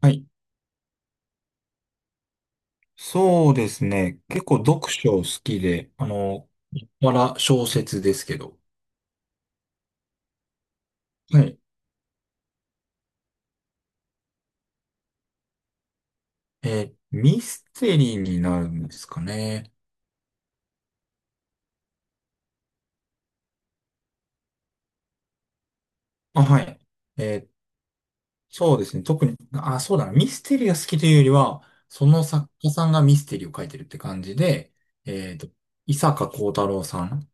はい。そうですね。結構読書好きで、まだ小説ですけど。はい。ミステリーになるんですかね。あ、はい。えーそうですね。特に、あ、そうだな。ミステリーが好きというよりは、その作家さんがミステリーを書いてるって感じで、えっと、伊坂幸太郎さん。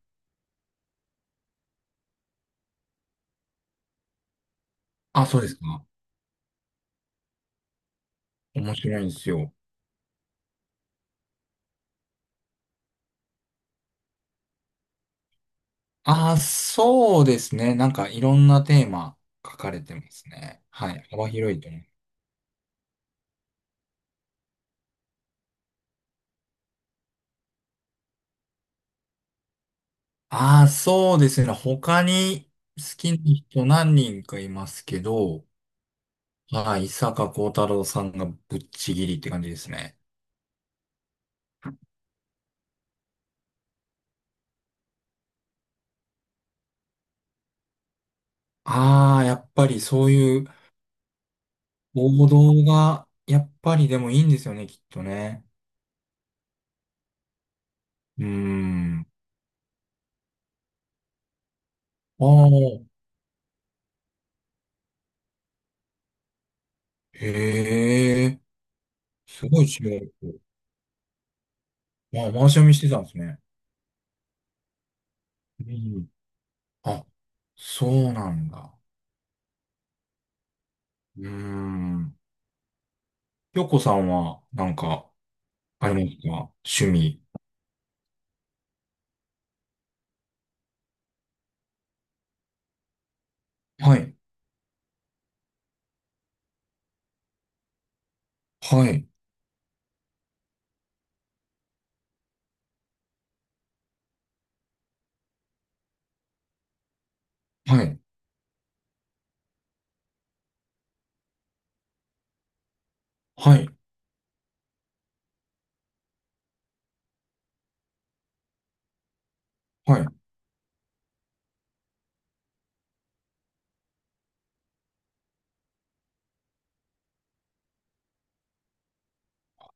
あ、そうですか。面白いんですよ。あ、そうですね。なんかいろんなテーマ書かれてますね。はい。幅広いと思う。ああ、そうですね。他に好きな人何人かいますけど、はい、伊坂幸太郎さんがぶっちぎりって感じですね。ああ、やっぱりそういう王道が、やっぱりでもいいんですよね、きっとね。うーん。ああ、へえ、すごい違う。ああ、回し読みしてたんですね。うん。あ、そうなんだ。うーん。ひょこさんは、なんか、ありますか趣味？はい。はい、はい、はい、はい、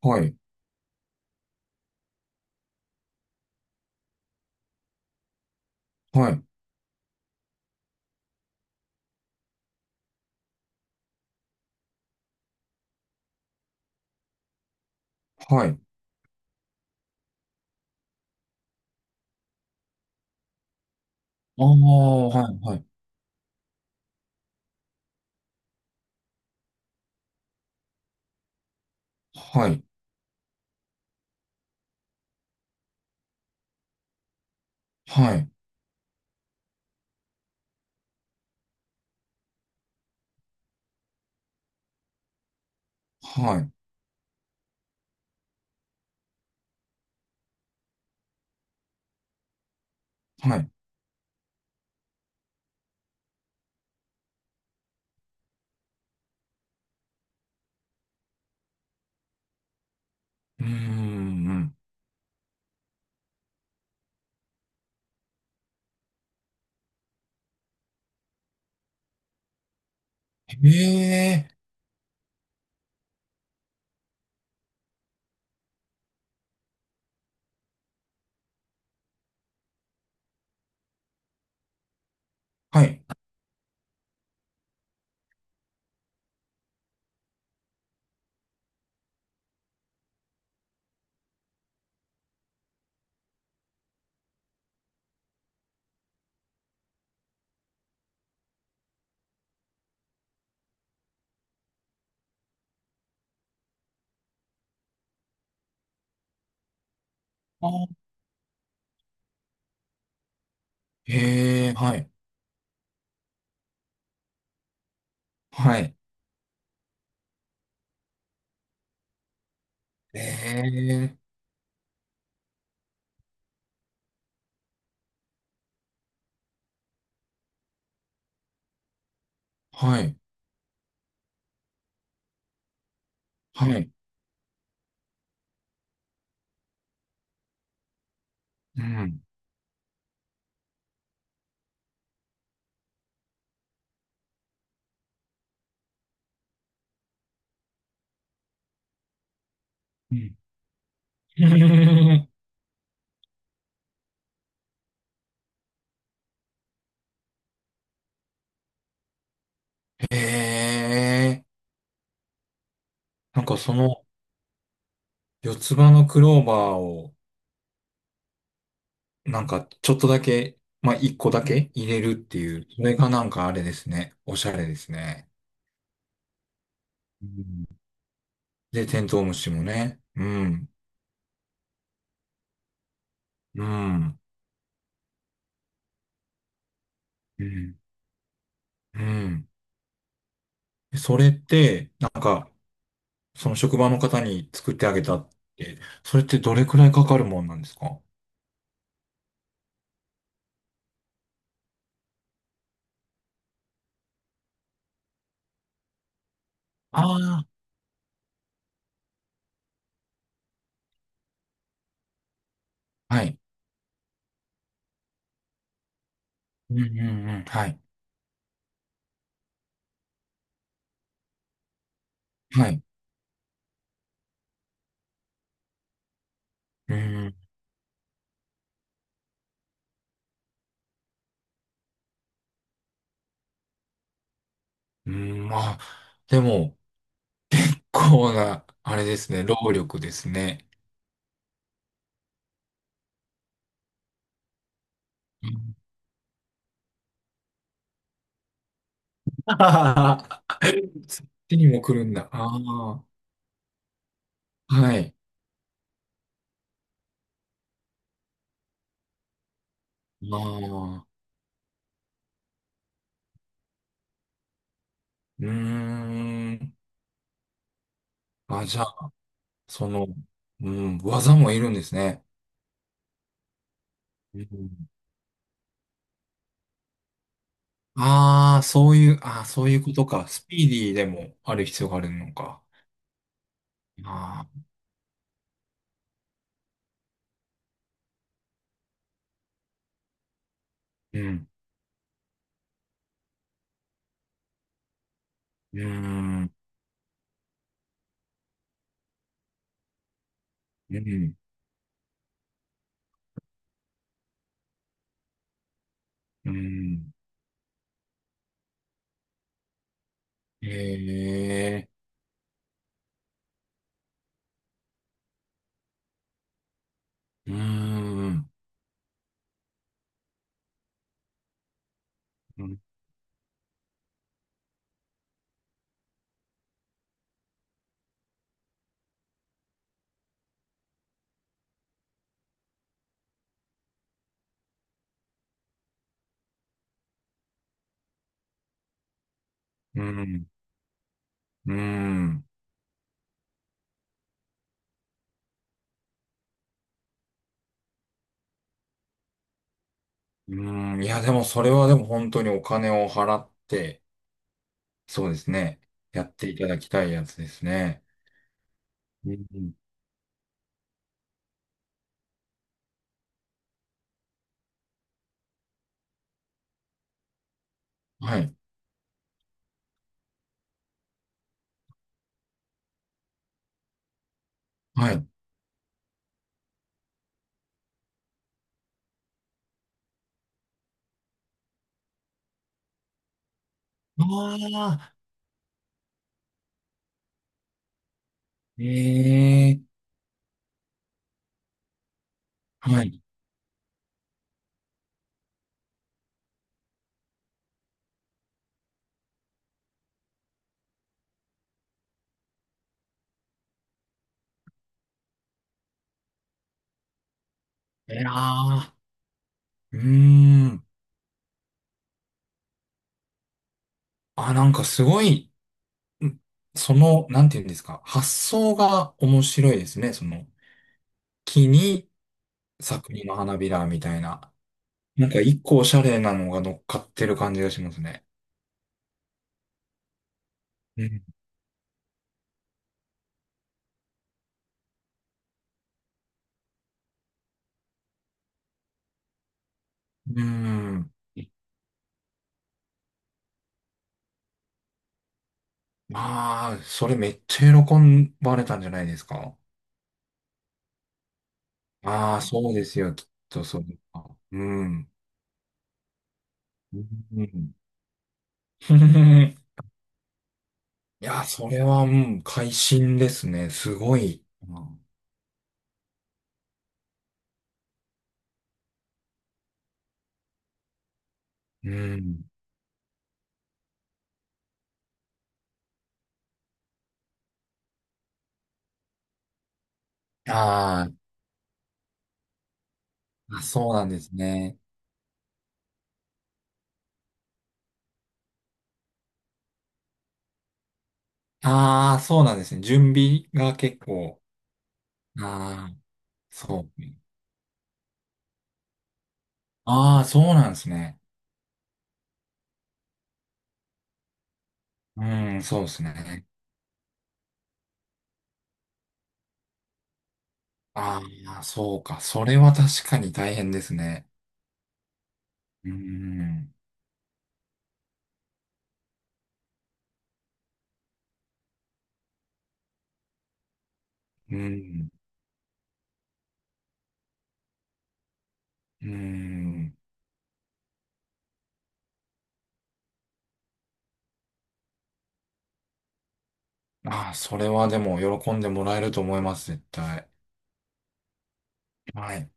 はい、はい、はい。ああ、はい、はい、はい、はい、はい、はい。うーん。へええ、はい。あー、へえ、はい、はい。へえ、はい、はい。うん、うん。へえ、なんかその四つ葉のクローバーを、なんかちょっとだけ、まあ一個だけ入れるっていう、それがなんかあれですね。おしゃれですね。うん。で、テントウムシもね。うん。うん。うん。うん。でそれって、なんか、その職場の方に作ってあげたって、それってどれくらいかかるもんなんですか？ああー、はい。うんうんうん。はい。はい。うん。うん、まあ、でも、こうな、あれですね、労力ですね。うん そっちにも来るんだ。ああ。はい。ああ。うーん。あ、じゃあその、うん、技もいるんですね。うん。ああ、そういう、ああ、そういうことか。スピーディーでもある必要があるのか。ああ、うん、うん、うん、うん。ええ、うん、うん、うん、うん。うん。いや、でもそれはでも本当にお金を払って、そうですね。やっていただきたいやつですね。うん。はい、はい。ああ、ええ、はい。えらー。うーん。あ、なんかすごい、んその、なんていうんですか、発想が面白いですね。その、木に作品の花びらみたいな。なんか一個おしゃれなのが乗っかってる感じがしますね。うん。うーん。まあ、それめっちゃ喜ばれたんじゃないですか。ああ、そうですよ、きっとそうか。うん。うん。いや、それは、うん、会心ですね。すごい。うん。あーあ、そうなんですね。ああ、そうなんですね。準備が結構。ああ、そう。ああ、そうなんですね。うん、そうですね。ああ、そうか。それは確かに大変ですね。うん、うん、うん。ああ、それはでも喜んでもらえると思います、絶対。はい。